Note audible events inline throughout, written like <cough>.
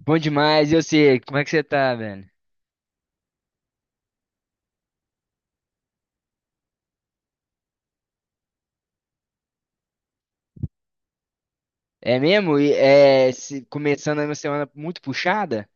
Bom demais, eu sei. Como é que você tá, velho? É mesmo? E, começando a minha semana muito puxada?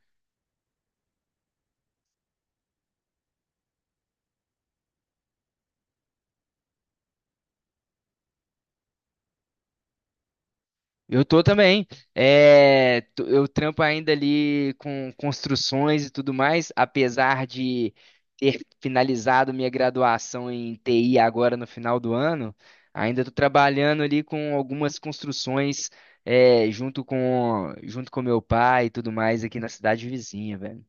Eu tô também. É, eu trampo ainda ali com construções e tudo mais, apesar de ter finalizado minha graduação em TI agora no final do ano, ainda tô trabalhando ali com algumas construções, é, junto com meu pai e tudo mais aqui na cidade vizinha, velho.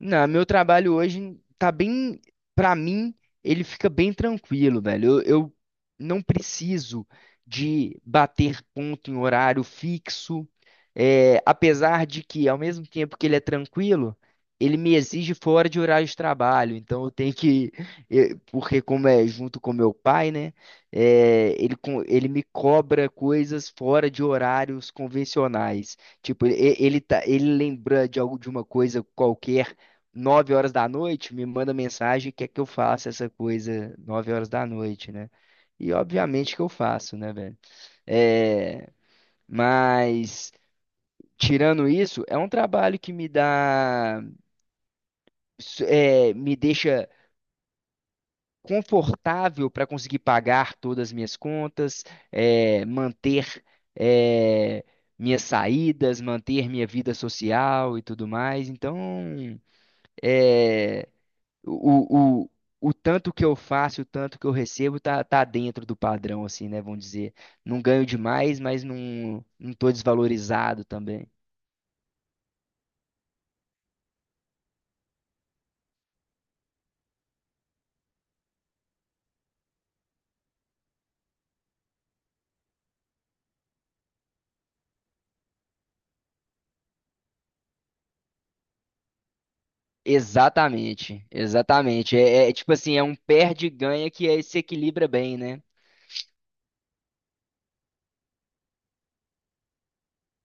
Não, meu trabalho hoje tá bem, pra mim, ele fica bem tranquilo, velho. Eu não preciso de bater ponto em horário fixo, é, apesar de que, ao mesmo tempo que ele é tranquilo, ele me exige fora de horário de trabalho. Então eu tenho que, <laughs> porque como é junto com meu pai, né? É, ele me cobra coisas fora de horários convencionais. Tipo, ele lembra de algo de uma coisa qualquer 9 horas da noite, me manda mensagem, quer que eu faça essa coisa 9 horas da noite, né? E obviamente que eu faço, né, velho? É, mas tirando isso, é um trabalho que me dá, me deixa confortável para conseguir pagar todas as minhas contas, é, manter, é, minhas saídas, manter minha vida social e tudo mais. Então, é, o, o, o tanto que eu faço, o tanto que eu recebo, tá dentro do padrão, assim, né? Vamos dizer. Não ganho demais, mas não tô desvalorizado também. Exatamente, exatamente. É, é tipo assim, é um perde e ganha que se equilibra bem, né?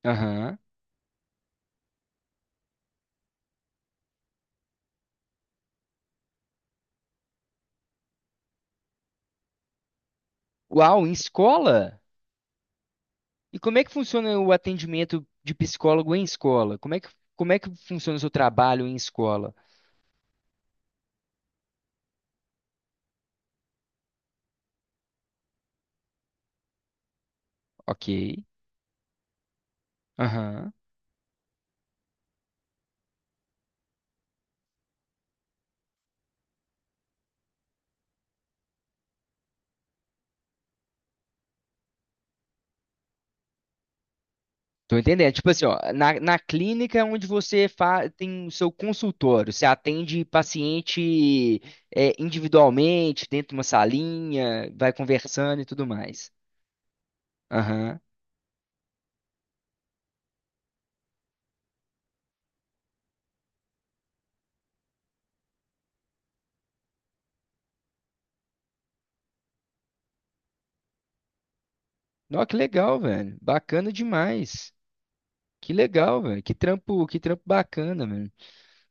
Aham. Uau, em escola? E como é que funciona o atendimento de psicólogo em escola? Como é que funciona o seu trabalho em escola? Ok. Aham. Tô entendendo. Tipo assim, ó, na clínica é onde você tem o seu consultório, você atende paciente é, individualmente, dentro de uma salinha, vai conversando e tudo mais. Aham. Nossa, que legal, velho. Bacana demais. Que legal, velho. Que trampo bacana, velho.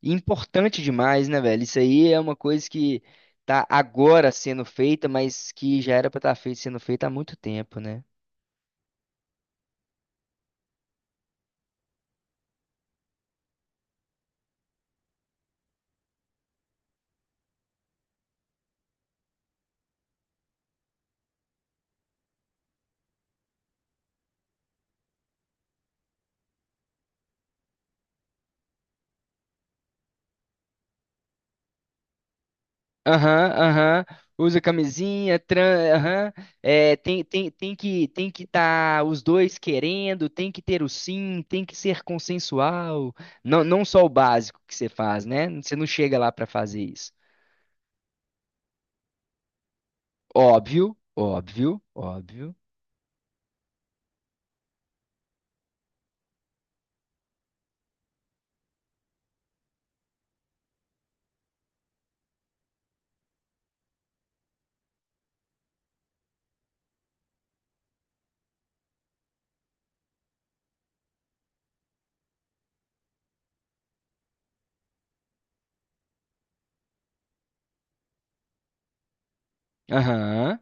E importante demais, né, velho? Isso aí é uma coisa que tá agora sendo feita, mas que já era pra estar feita, sendo feita há muito tempo, né? Aham, aham. Usa camisinha, aham. É, tem que estar os dois querendo, tem que ter o sim, tem que ser consensual. Não, não só o básico que você faz, né? Você não chega lá para fazer isso. Óbvio, óbvio, óbvio. Aham.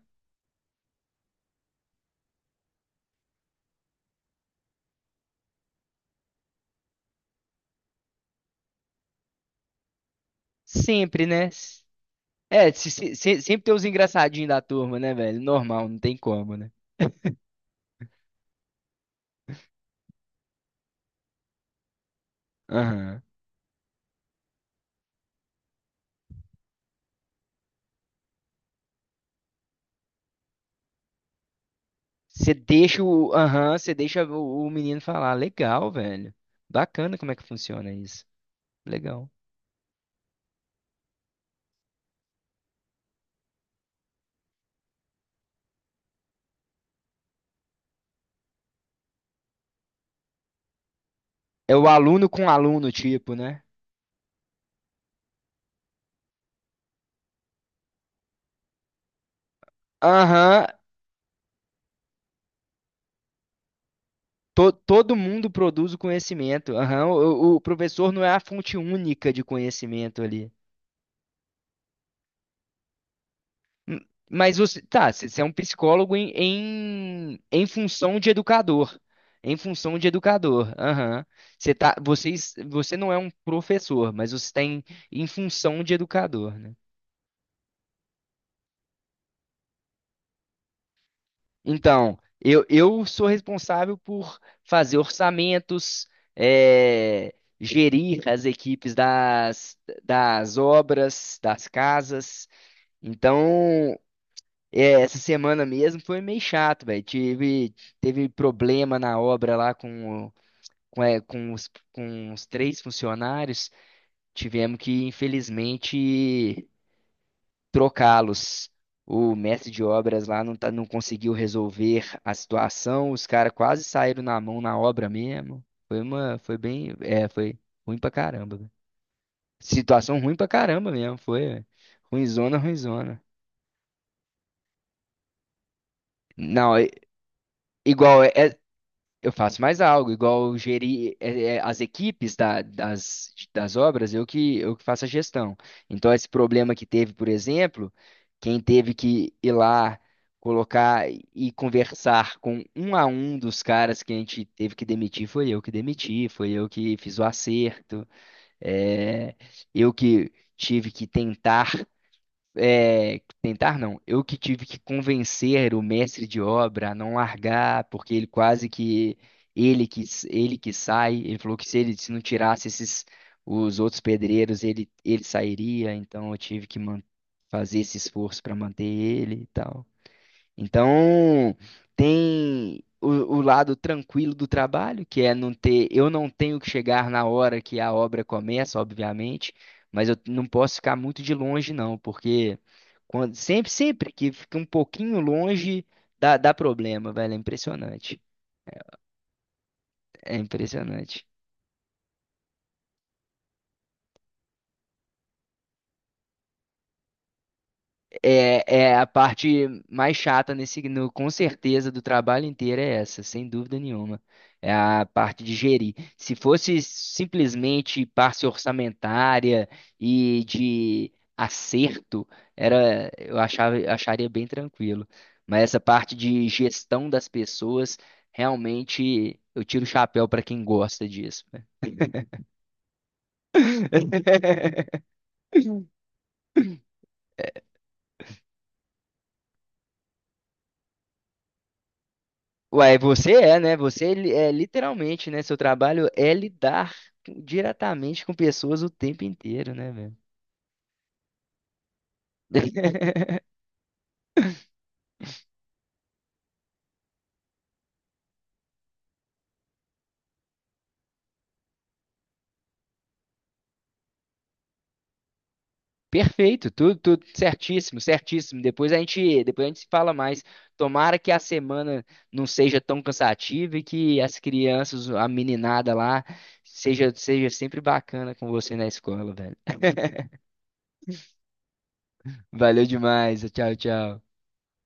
Sempre, né? É, sempre tem os engraçadinhos da turma, né, velho? Normal, não tem como, né? Aham. Você deixa o, aham, o menino falar. Legal, velho. Bacana como é que funciona isso. Legal. É o aluno com aluno, tipo, né? Aham. Todo mundo produz o conhecimento. Aham. O professor não é a fonte única de conhecimento ali. Hum. Mas você, tá, você é um psicólogo em, em função de educador. Em função de educador. Aham. Você tá, vocês, você não é um professor, mas você tem em função de educador, né? Então, eu sou responsável por fazer orçamentos, é, gerir as equipes das obras, das casas. Então, é, essa semana mesmo foi meio chato, velho. Teve problema na obra lá com, é, com os 3 funcionários. Tivemos que, infelizmente, trocá-los. O mestre de obras lá não, tá, não conseguiu resolver a situação, os caras quase saíram na mão na obra mesmo. Foi uma, foi bem, é, foi ruim pra caramba, velho. Situação ruim pra caramba mesmo, foi, velho. Ruinzona, ruinzona. Não, é- igual, é, Eu faço mais algo, igual gerir as equipes das obras, eu que faço a gestão. Então, esse problema que teve, por exemplo, quem teve que ir lá colocar e conversar com um a um dos caras que a gente teve que demitir, foi eu que demiti, foi eu que fiz o acerto, é eu que tive que tentar é, tentar não. Eu que tive que convencer o mestre de obra a não largar, porque ele quase que ele que ele que sai, ele falou que se ele se não tirasse esses os outros pedreiros, ele sairia, então eu tive que fazer esse esforço para manter ele e tal. Então, tem o lado tranquilo do trabalho, que é não ter, eu não tenho que chegar na hora que a obra começa, obviamente, mas eu não posso ficar muito de longe, não, porque sempre que fica um pouquinho longe, dá problema, velho. É impressionante. É impressionante. É, é a parte mais chata nesse, no- com certeza, do trabalho inteiro é essa, sem dúvida nenhuma. É a parte de gerir. Se fosse simplesmente parte orçamentária e de acerto, era, acharia bem tranquilo. Mas essa parte de gestão das pessoas, realmente, eu tiro o chapéu para quem gosta disso, né? <laughs> Uai, você é, né? Você é literalmente, né? Seu trabalho é lidar diretamente com pessoas o tempo inteiro, né, velho? <laughs> Perfeito, tudo, tudo certíssimo, certíssimo. Depois a gente se fala mais. Tomara que a semana não seja tão cansativa e que as crianças, a meninada lá, seja sempre bacana com você na escola, velho. Valeu demais. Tchau, tchau.